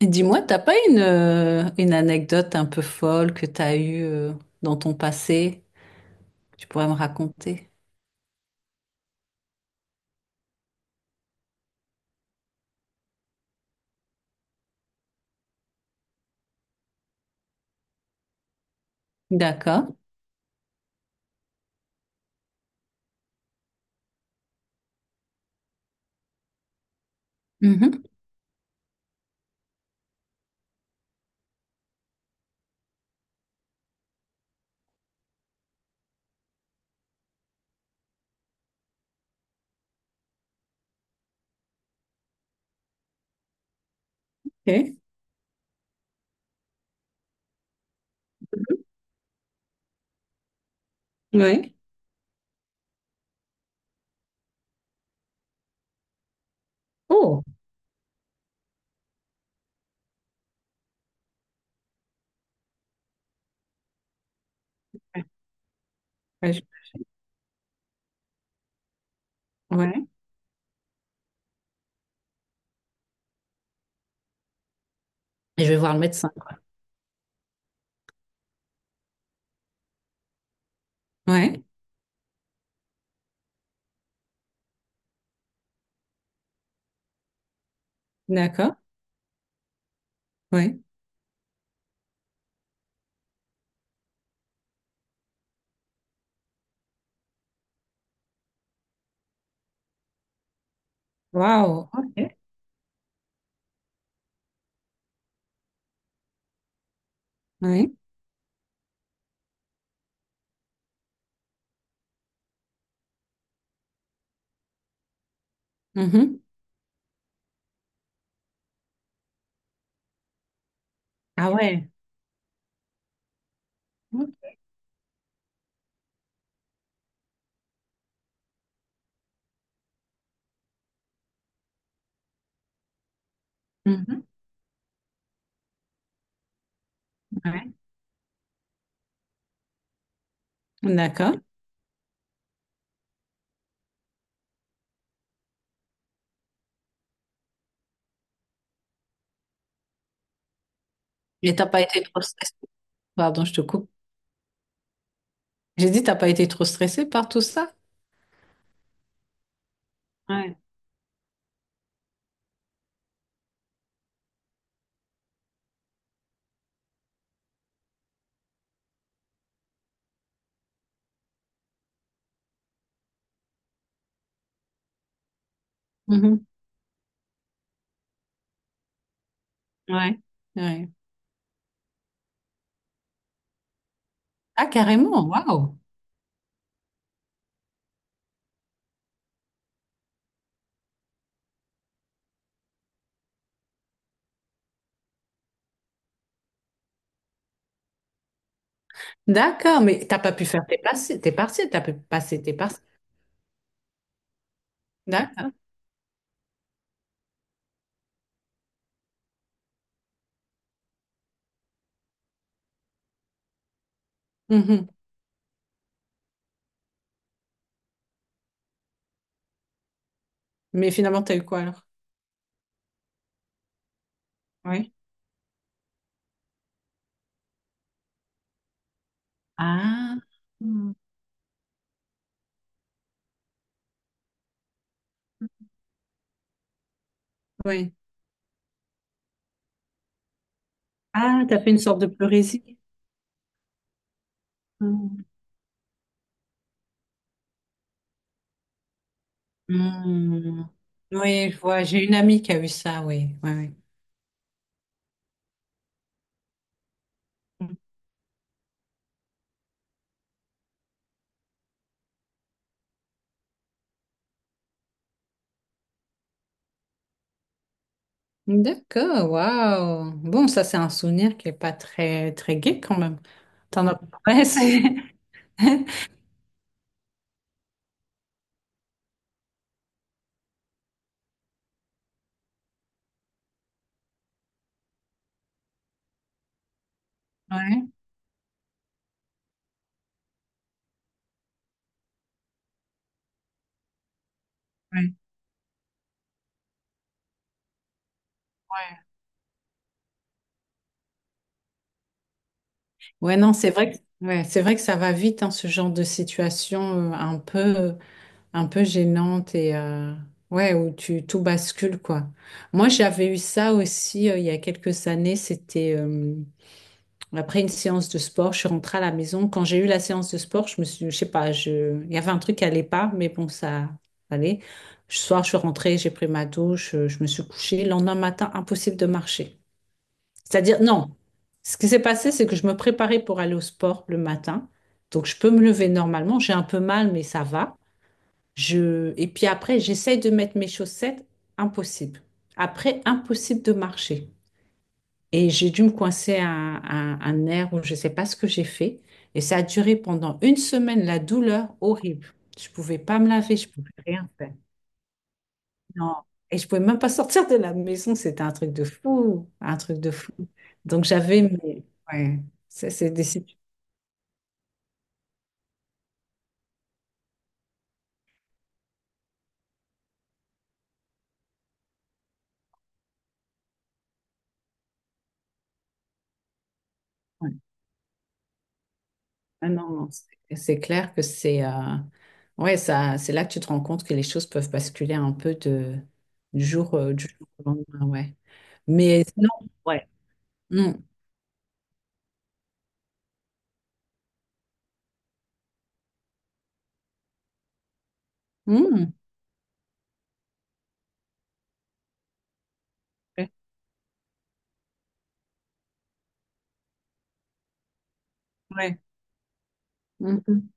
Et dis-moi, t'as pas une anecdote un peu folle que t'as eue dans ton passé, que tu pourrais me raconter? D'accord. Mhm. Ok. Ouais. Oh. Ouais. je ouais. Et je vais voir le médecin. Ouais. D'accord. Ouais. Waouh. Ok. Ouais. Mhm. Ah ouais. Mhm. Ouais. D'accord. Et t'as pas été trop stressée? Pardon, je te coupe. J'ai dit t'as pas été trop stressée par tout ça? Ouais. Mhm. Ouais. Ouais. Ah, carrément. Waouh. D'accord, mais t'as pas pu faire tes passés, tes partiels, t'as pu passer tes partiels. D'accord. Mhm. Mais finalement, t'as eu quoi alors? Oui. Ah, mm, oui. Ah, t'as fait une sorte de pleurésie. Mm. Mm. Oui, je vois. J'ai une amie qui a eu ça, oui. Oui, oui. Mm. D'accord, waouh. Bon, ça, c'est un souvenir qui est pas très gai quand même. T'en as... Ouais, c'est... Ouais, ouais. Ouais, non, ouais, c'est vrai que ça va vite, hein, ce genre de situation, un peu. Un peu gênante et ouais, où tu tout bascule quoi. Moi, j'avais eu ça aussi, il y a quelques années. C'était Après une séance de sport, je suis rentrée à la maison. Quand j'ai eu la séance de sport, je sais pas, il y avait un truc qui allait pas, mais bon, ça allait. Le soir, je suis rentrée, j'ai pris ma douche, je me suis couchée. Le lendemain matin, impossible de marcher. C'est-à-dire, non. Ce qui s'est passé, c'est que je me préparais pour aller au sport le matin. Donc, je peux me lever normalement. J'ai un peu mal, mais ça va. Je... Et puis après, j'essaye de mettre mes chaussettes, impossible. Après, impossible de marcher. Et j'ai dû me coincer à un nerf où je ne sais pas ce que j'ai fait. Et ça a duré pendant une semaine, la douleur horrible. Je ne pouvais pas me laver, je ne pouvais rien faire. Non. Et je pouvais même pas sortir de la maison. C'était un truc de fou, un truc de fou. Donc j'avais mes... ouais. Ça, c'est des situations. Ouais. Ah non, non, c'est clair que c'est ouais, ça, c'est là que tu te rends compte que les choses peuvent basculer un peu du jour du jour au lendemain, ouais. Mais sinon, ouais. Mm. Mm. Ouais. Ouais. Mhm.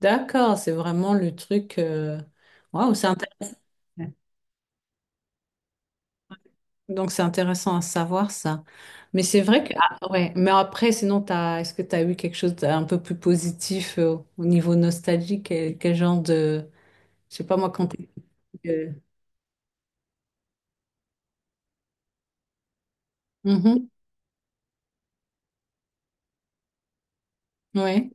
D'accord, c'est vraiment le truc. Waouh, c'est intéressant. Donc c'est intéressant à savoir ça. Mais c'est vrai que ah, ouais, mais après sinon t'as est-ce que tu as eu quelque chose d'un peu plus positif au niveau nostalgique quel genre de je sais pas moi quand t'es euh, mhm, ouais,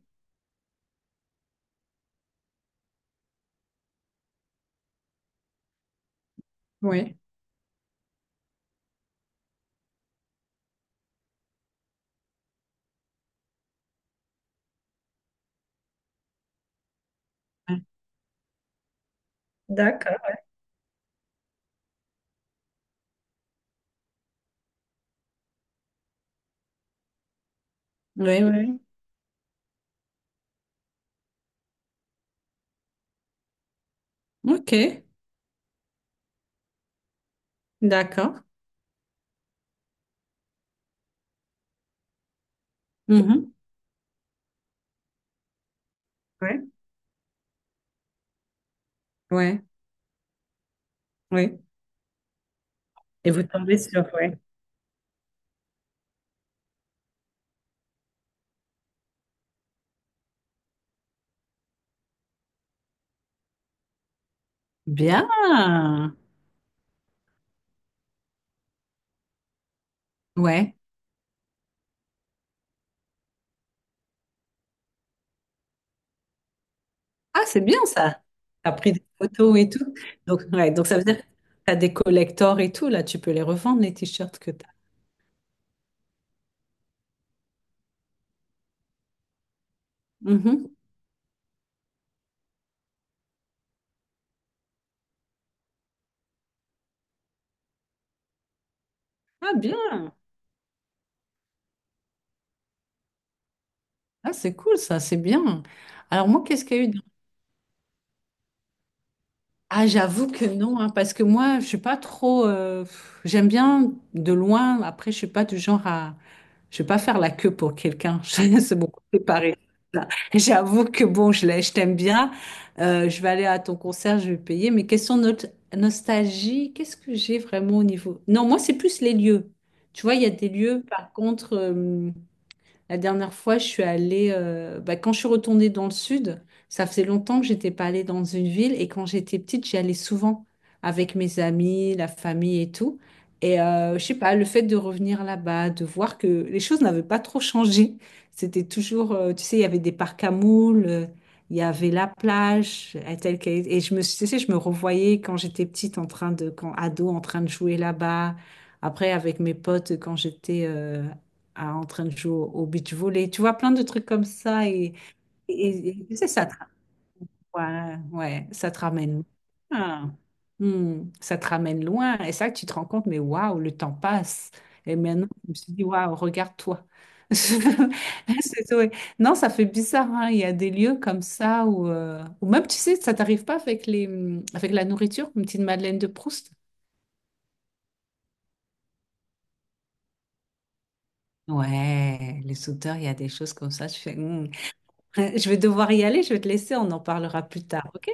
ouais. Ouais, D'accord. ouais. ouais. OK. D'accord. Mhm. Ouais. Ouais, ouais. Et vous tombez sur, ouais. Bien. Ouais. Ah, c'est bien ça. T'as pris des photos et tout. Donc, ouais, donc ça veut dire que t'as des collectors et tout. Là, tu peux les revendre, les t-shirts que t'as. Mhm. Ah, bien. Ah, c'est cool ça, c'est bien. Alors moi, qu'est-ce qu'il y a eu. Ah, j'avoue que non, hein, parce que moi, je suis pas trop. Pff, j'aime bien de loin. Après, je suis pas du genre à. Je vais pas faire la queue pour quelqu'un. C'est beaucoup séparé. J'avoue que bon, je t'aime bien. Je vais aller à ton concert, je vais payer. Mais question nostalgie, qu'est-ce que j'ai vraiment au niveau? Non, moi, c'est plus les lieux. Tu vois, il y a des lieux, par contre. La dernière fois, je suis allée, bah, quand je suis retournée dans le sud, ça faisait longtemps que j'étais pas allée dans une ville et quand j'étais petite, j'y allais souvent avec mes amis, la famille et tout. Et je sais pas, le fait de revenir là-bas, de voir que les choses n'avaient pas trop changé, c'était toujours, tu sais, il y avait des parcs à moules, il y avait la plage, et tu sais, je me revoyais quand j'étais petite en train de, quand ado, en train de jouer là-bas. Après, avec mes potes, quand j'étais en train de jouer au beach volley. Tu vois, plein de trucs comme ça. Et, et tu sais, ouais, ouais, ça te ramène loin. Hmm, ça te ramène loin. Et ça, tu te rends compte, mais waouh, le temps passe. Et maintenant, je me suis dit, waouh, regarde-toi. C'est- ouais. Non, ça fait bizarre, hein. Il y a des lieux comme ça où, où même, tu sais, ça t'arrive pas avec les, avec la nourriture, une petite Madeleine de Proust. Ouais, les sauteurs, il y a des choses comme ça. Tu fais, Hmm. Ouais, je vais devoir y aller, je vais te laisser, on en parlera plus tard, ok?